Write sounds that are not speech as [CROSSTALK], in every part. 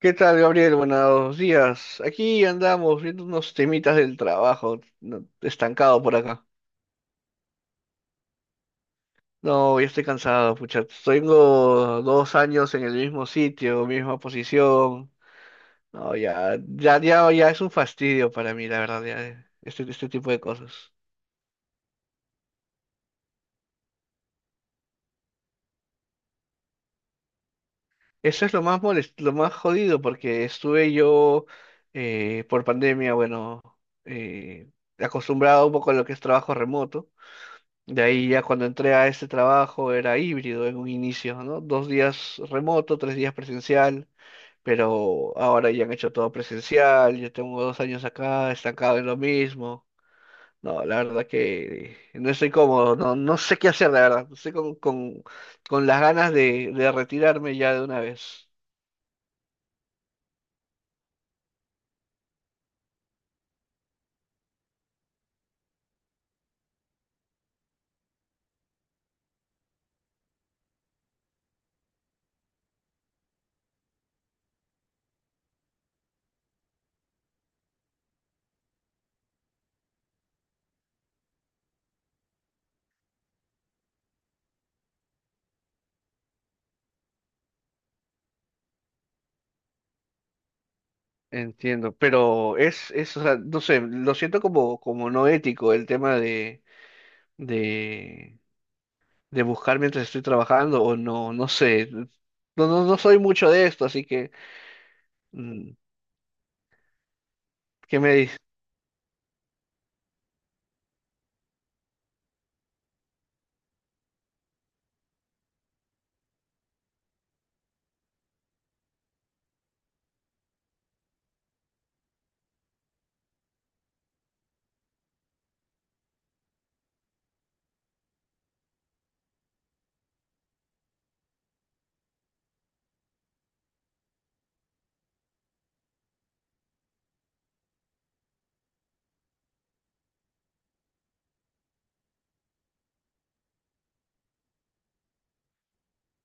¿Qué tal, Gabriel? Buenos días. Aquí andamos viendo unos temitas del trabajo, estancado por acá. No, ya estoy cansado, pucha. Tengo dos años en el mismo sitio, misma posición. No, ya, ya, ya, ya es un fastidio para mí, la verdad, ya, este tipo de cosas. Eso es lo más jodido, porque estuve yo por pandemia, bueno, eh, acostumbrado un poco a lo que es trabajo remoto. De ahí ya cuando entré a este trabajo era híbrido en un inicio, ¿no? Dos días remoto, tres días presencial, pero ahora ya han hecho todo presencial, yo tengo dos años acá, estancado en lo mismo. No, la verdad que no estoy cómodo, no, no sé qué hacer, la verdad. Estoy con las ganas de retirarme ya de una vez. Entiendo, pero o sea, no sé, lo siento como, como no ético el tema de, de buscar mientras estoy trabajando o no, no sé. No, no, no soy mucho de esto, así que, mm, ¿qué me dices?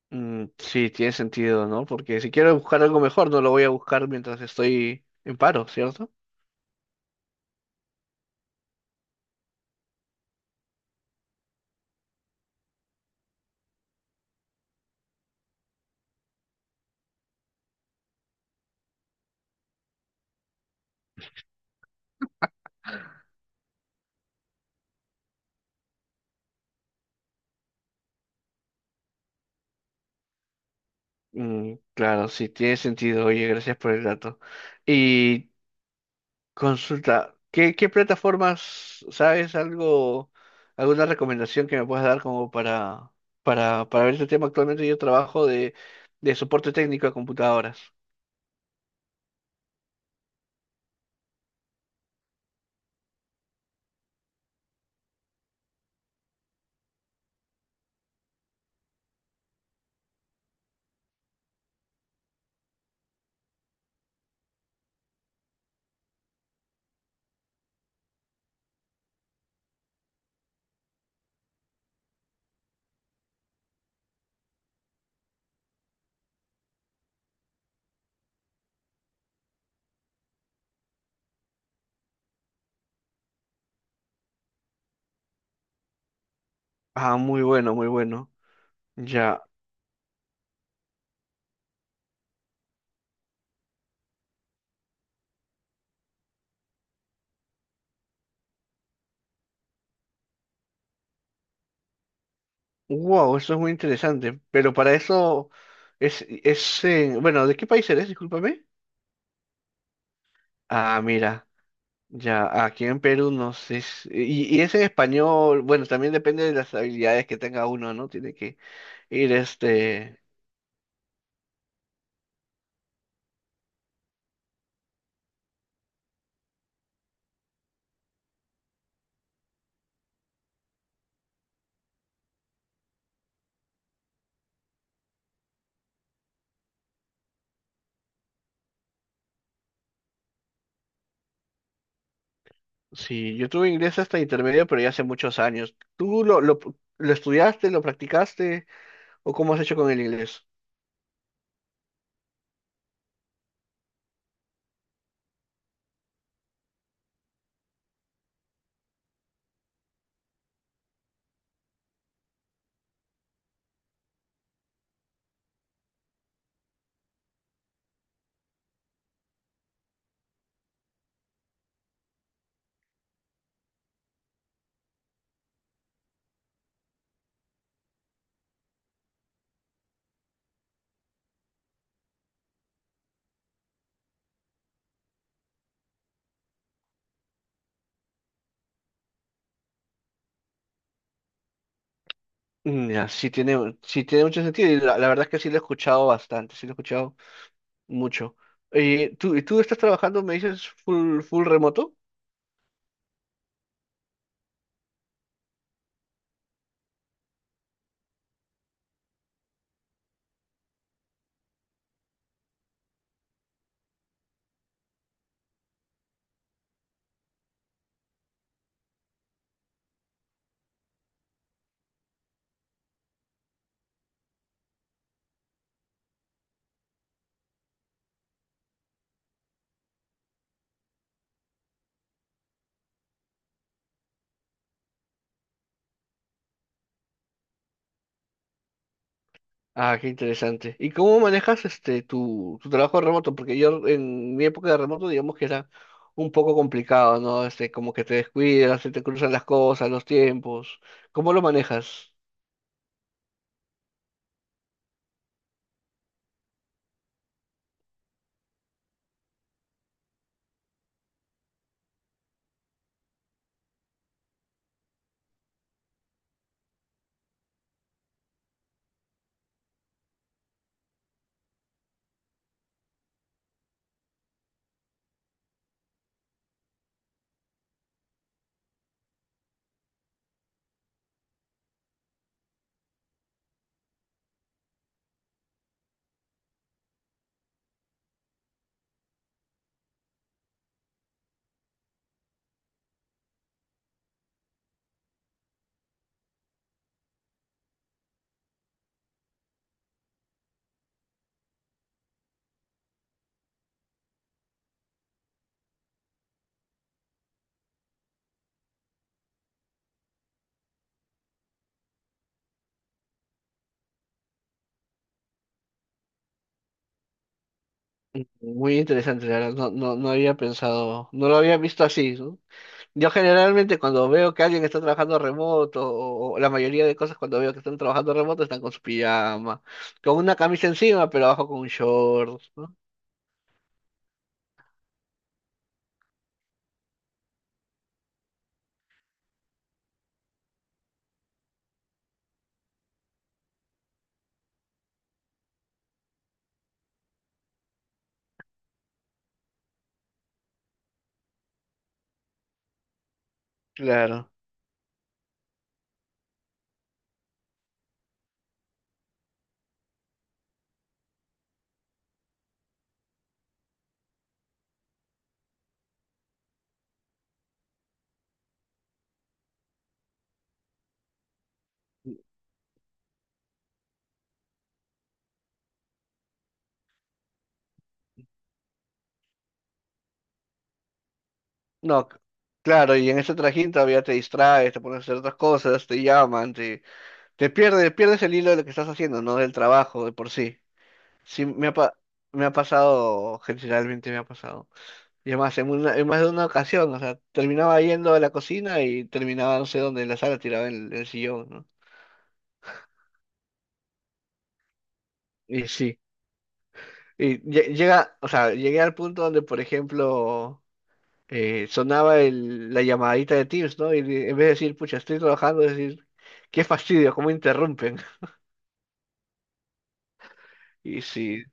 Mm, sí, tiene sentido, ¿no? Porque si quiero buscar algo mejor, no lo voy a buscar mientras estoy en paro, ¿cierto? Mm, claro, sí, tiene sentido. Oye, gracias por el dato. Y consulta, ¿qué plataformas, sabes algo, alguna recomendación que me puedas dar como para, para ver este tema? Actualmente yo trabajo de soporte técnico a computadoras. Ah, muy bueno, muy bueno. Ya. Wow, eso es muy interesante. Pero para eso bueno, ¿de qué país eres? Discúlpame. Ah, mira. Ya, aquí en Perú no sé. Y es en español. Bueno, también depende de las habilidades que tenga uno, ¿no? Tiene que ir este. Sí, yo tuve inglés hasta intermedio, pero ya hace muchos años. ¿Tú lo estudiaste, lo practicaste o cómo has hecho con el inglés? Mm, ya, sí tiene mucho sentido y la verdad es que sí lo he escuchado bastante, sí lo he escuchado mucho. ¿Y tú estás trabajando, me dices, full remoto? Ah, qué interesante. ¿Y cómo manejas este tu trabajo remoto? Porque yo en mi época de remoto, digamos que era un poco complicado, ¿no? Este, como que te descuidas, se te cruzan las cosas, los tiempos. ¿Cómo lo manejas? Muy interesante, la verdad. No, no, no había pensado, no lo había visto así, ¿no? Yo generalmente cuando veo que alguien está trabajando remoto, o la mayoría de cosas cuando veo que están trabajando remoto están con su pijama, con una camisa encima, pero abajo con un short, ¿no? Claro. No, c- Claro, y en ese trajín todavía te distraes, te pones a hacer otras cosas, te llaman, te pierdes, pierdes el hilo de lo que estás haciendo, no del trabajo de por sí. Sí, me ha pasado, generalmente me ha pasado. Y además, en más de una ocasión, o sea, terminaba yendo a la cocina y terminaba no sé dónde, en la sala, tirado en el sillón, ¿no? Y sí, llega, o sea, llegué al punto donde, por ejemplo, sonaba la llamadita de Teams, ¿no? En vez de decir, pucha, estoy trabajando, decir, qué fastidio, cómo interrumpen. [LAUGHS] Y sí,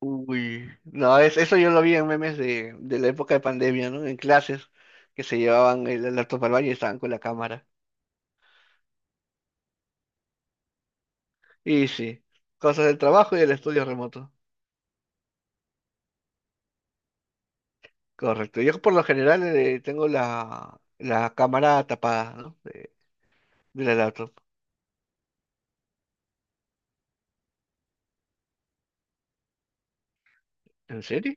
uy, no, es, eso yo lo vi en memes de la época de pandemia, ¿no? En clases que se llevaban el laptop al baño y estaban con la cámara. Y sí, cosas del trabajo y del estudio remoto. Correcto. Yo por lo general tengo la cámara tapada, ¿no? De la laptop. ¿En serio?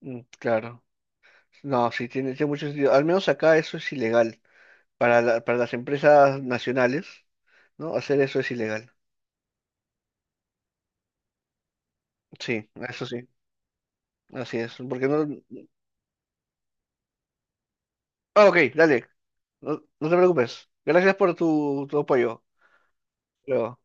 Mm, claro. No, sí, tiene, tiene mucho sentido. Al menos acá eso es ilegal. Para las empresas nacionales, ¿no? Hacer eso es ilegal. Sí, eso sí. Así es. Porque no... Ah, ok, dale. No, no te preocupes. Gracias por tu apoyo. Luego.